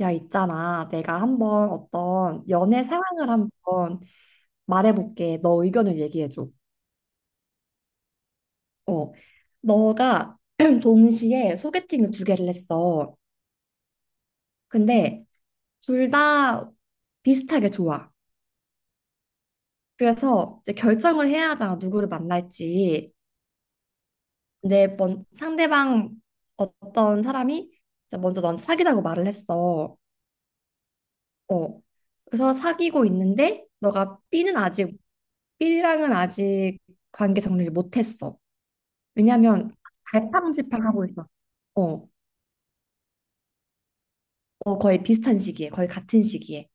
야, 있잖아. 내가 한번 어떤 연애 상황을 한번 말해볼게. 너 의견을 얘기해줘. 어. 너가 동시에 소개팅을 두 개를 했어. 근데 둘 다 비슷하게 좋아. 그래서 이제 결정을 해야 하잖아. 누구를 만날지. 근데 먼 상대방 어떤 사람이 이제 먼저 넌 사귀자고 말을 했어. 어. 그래서 사귀고 있는데 너가 B는 아직 B랑은 아직 관계 정리를 못했어. 왜냐하면 갈팡질팡하고 있어. 어, 거의 비슷한 시기에, 거의 같은 시기에.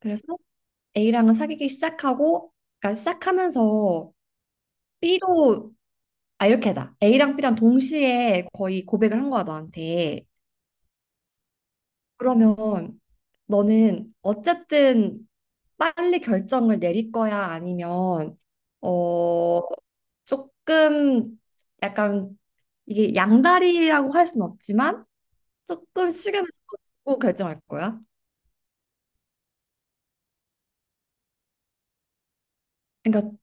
그래서 A랑은 사귀기 시작하고, 그러니까 시작하면서 B도 아 이렇게 하자. A랑 B랑 동시에 거의 고백을 한 거야 너한테. 그러면 너는 어쨌든 빨리 결정을 내릴 거야? 아니면, 어, 조금 약간 이게 양다리라고 할 순 없지만 조금 시간을 두고 결정할 거야? 그러니까,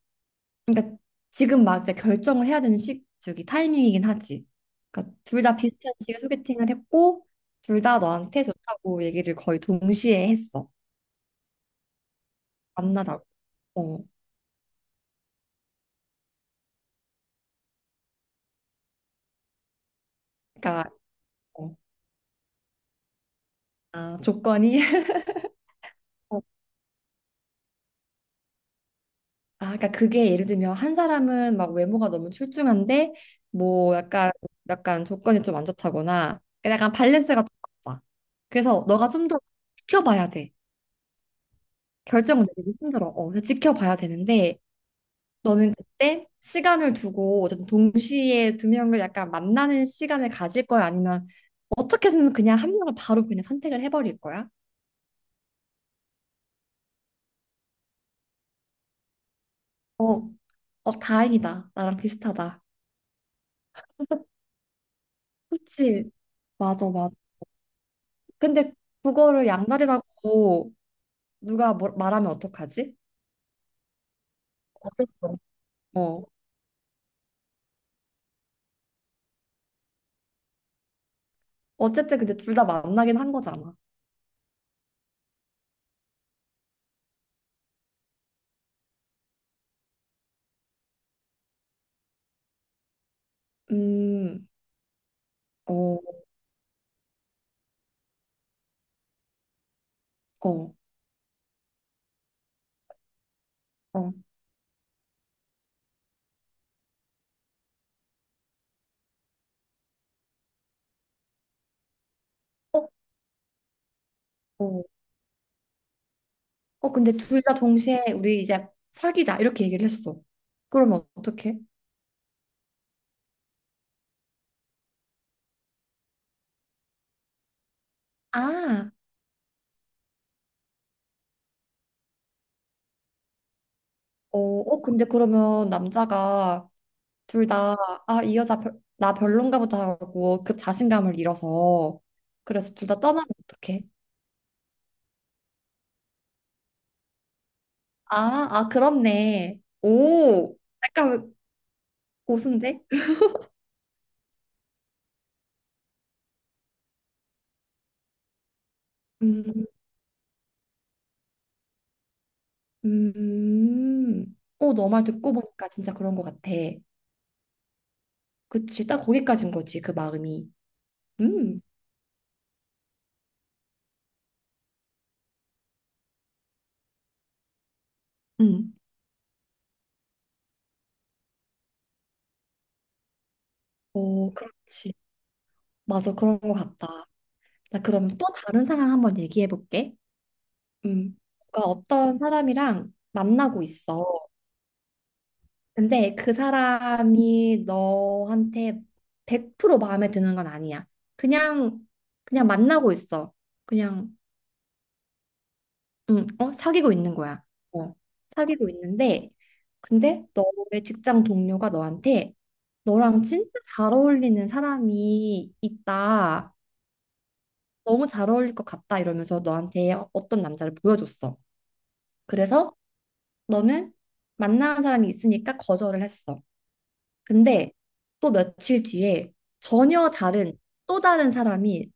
그러니까 지금 막 이제 결정을 해야 되는 시, 저기 타이밍이긴 하지. 그러니까 둘 다 비슷한 시기에 소개팅을 했고, 둘 다 너한테 좋다고 얘기를 거의 동시에 했어. 만나자고. 어, 그러니까, 어. 아, 조건이? 아, 그러니까 그게 예를 들면 한 사람은 막 외모가 너무 출중한데 뭐 약간 약간 조건이 좀 안 좋다거나 그러니까 약간 밸런스가 좀 맞아. 그래서 너가 좀 더 지켜봐야 돼. 결정을 내리기 힘들어. 어, 그래서 지켜봐야 되는데 너는 그때 시간을 두고 어쨌든 동시에 두 명을 약간 만나는 시간을 가질 거야? 아니면 어떻게든 그냥 한 명을 바로 그냥 선택을 해버릴 거야? 어, 어, 다행이다. 나랑 비슷하다. 그치? 맞아, 맞아. 근데 그거를 양다리라고 누가 말하면 어떡하지? 어쨌든. 어. 어쨌든 근데 둘 다 만나긴 한 거잖아. 음. 어. 어. 어. 어. 어. 어, 근데 둘 다 동시에 우리 이제 사귀자 이렇게 얘기를 했어. 그러면 어떡해? 아. 어. 어, 근데 그러면 남자가 둘 다 아, 이 여자 별, 나 별론가 보다 하고 그 자신감을 잃어서 그래서 둘 다 떠나면 어떡해? 아, 아, 그렇네. 오. 약간 고순대? 음, 어, 너 말 듣고 보니까 진짜 그런 것 같아. 그치, 딱 거기까지인 거지, 그 마음이. 음, 음, 어, 그렇지. 맞아, 그런 것 같다. 나 그럼 또 다른 상황 한번 얘기해 볼게. 누가 어떤 사람이랑 만나고 있어. 근데 그 사람이 너한테 100% 마음에 드는 건 아니야. 그냥, 그냥 만나고 있어. 그냥 응, 어, 사귀고 있는 거야. 어, 사귀고 있는데, 근데 너의 직장 동료가 너한테 너랑 진짜 잘 어울리는 사람이 있다. 너무 잘 어울릴 것 같다. 이러면서 너한테 어떤 남자를 보여줬어. 그래서 너는 만나는 사람이 있으니까 거절을 했어. 근데 또 며칠 뒤에 전혀 다른 또 다른 사람이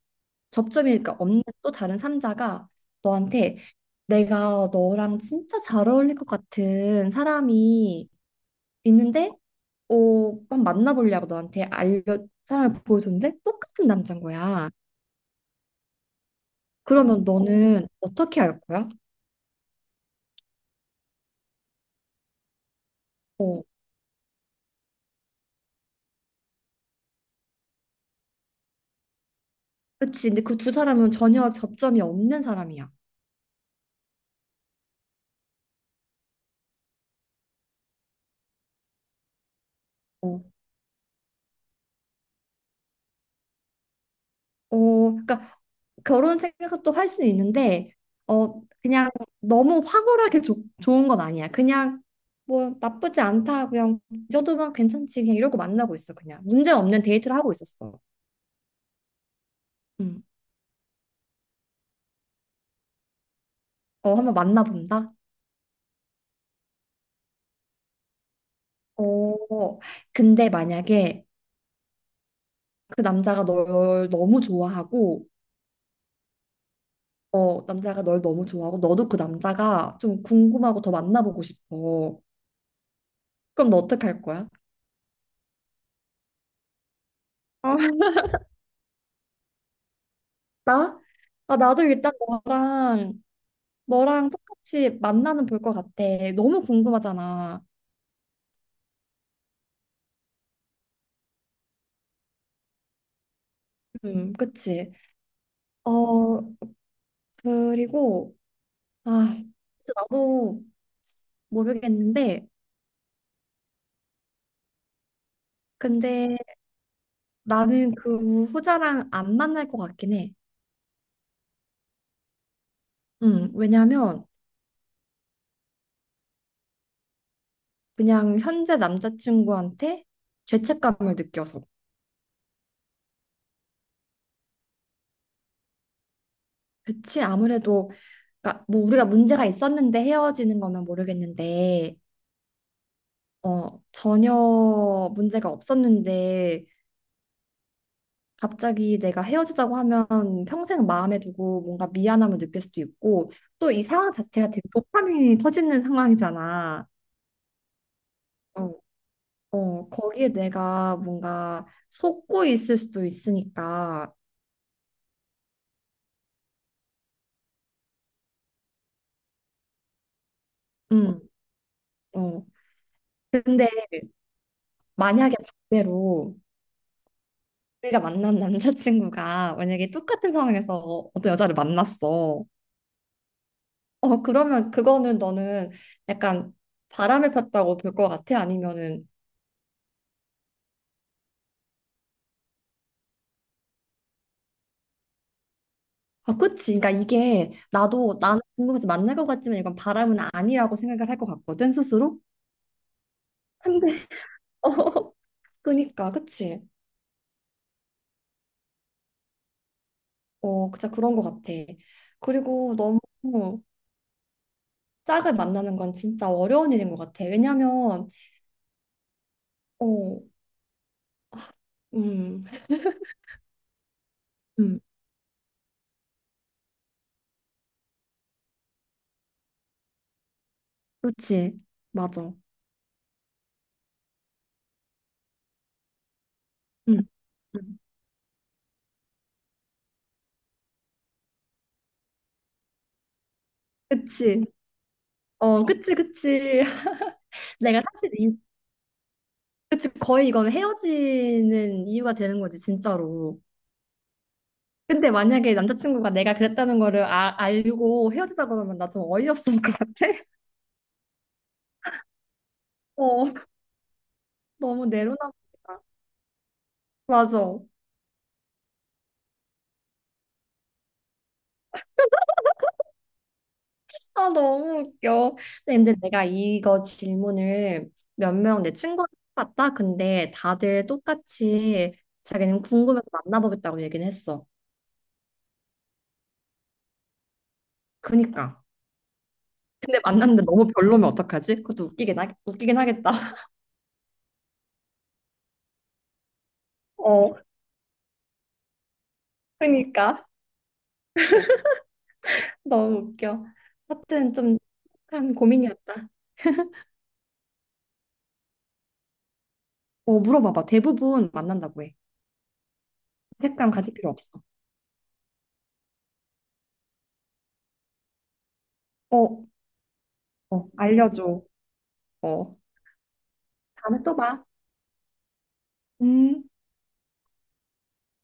접점이니까 없는 또 다른 삼자가 너한테 내가 너랑 진짜 잘 어울릴 것 같은 사람이 있는데 어, 한번 만나보려고 너한테 알려 사람을 보여줬는데 똑같은 남자인 거야. 그러면 너는 어떻게 할 거야? 어, 그치. 근데 그 두 사람은 전혀 접점이 없는 사람이야. 어. 어, 그러니까 결혼 생각도 할 수는 있는데, 어, 그냥 너무 황홀하게 좋은 건 아니야. 그냥 뭐 나쁘지 않다, 그냥 이 정도면 괜찮지, 그냥 이러고 만나고 있어, 그냥. 문제 없는 데이트를 하고 있었어. 음. 어, 한번 만나본다? 어, 근데 만약에 그 남자가 널 너무 좋아하고, 어, 남자가 널 너무 좋아하고, 너도 그 남자가 좀 궁금하고 더 만나보고 싶어. 그럼 너 어떡할 거야? 아, 나? 아, 나도 일단 너랑 너랑 똑같이 만나는 볼 것 같아. 너무 궁금하잖아. 그치. 어, 그리고, 아, 진짜 나도 모르겠는데, 근데 나는 그 후자랑 안 만날 것 같긴 해. 왜냐면 그냥 현재 남자친구한테 죄책감을 느껴서. 그치, 아무래도, 그러니까 뭐 우리가 문제가 있었는데 헤어지는 거면 모르겠는데, 어, 전혀 문제가 없었는데, 갑자기 내가 헤어지자고 하면 평생 마음에 두고 뭔가 미안함을 느낄 수도 있고 또 이 상황 자체가 되게 도파민이 터지는 상황이잖아. 어, 어, 거기에 내가 뭔가 속고 있을 수도 있으니까. 음, 어. 근데 만약에 반대로 우리가 만난 남자친구가 만약에 똑같은 상황에서 어떤 여자를 만났어. 어, 그러면 그거는 너는 약간 바람을 폈다고 볼 것 같아? 아니면은 아, 그치. 그러니까 이게 나도 나는 궁금해서 만날 것 같지만 이건 바람은 아니라고 생각을 할 것 같거든, 스스로. 근데, 어, 그니까, 그치. 어, 진짜 그런 것 같아. 그리고 너무 짝을 만나는 건 진짜 어려운 일인 것 같아. 왜냐면, 어, 음, 음, 그치. 맞아. 음, 음. 그치. 어, 그치, 그치. 내가 사실 이, 그치. 거의 이건 헤어지는 이유가 되는 거지, 진짜로. 근데 만약에 남자친구가 내가 그랬다는 거를 아, 알고 헤어지자 그러면 나 좀 어이없을 것 같아. 어, 너무 내로남불이다. 맞아. 아, 너무 웃겨. 근데 내가 이거 질문을 몇 명 내 친구한테 봤다. 근데 다들 똑같이 자기는 궁금해서 만나보겠다고 얘기는 했어. 그니까. 근데 만났는데 너무 별로면 어떡하지? 그것도 웃기긴 하겠다. 어, 그니까. 너무 웃겨. 하여튼 좀 한 고민이었다. 어, 물어봐봐. 대부분 만난다고 해. 색감 가질 필요 없어. 어, 어, 알려줘. 어, 다음에 또 봐. 음.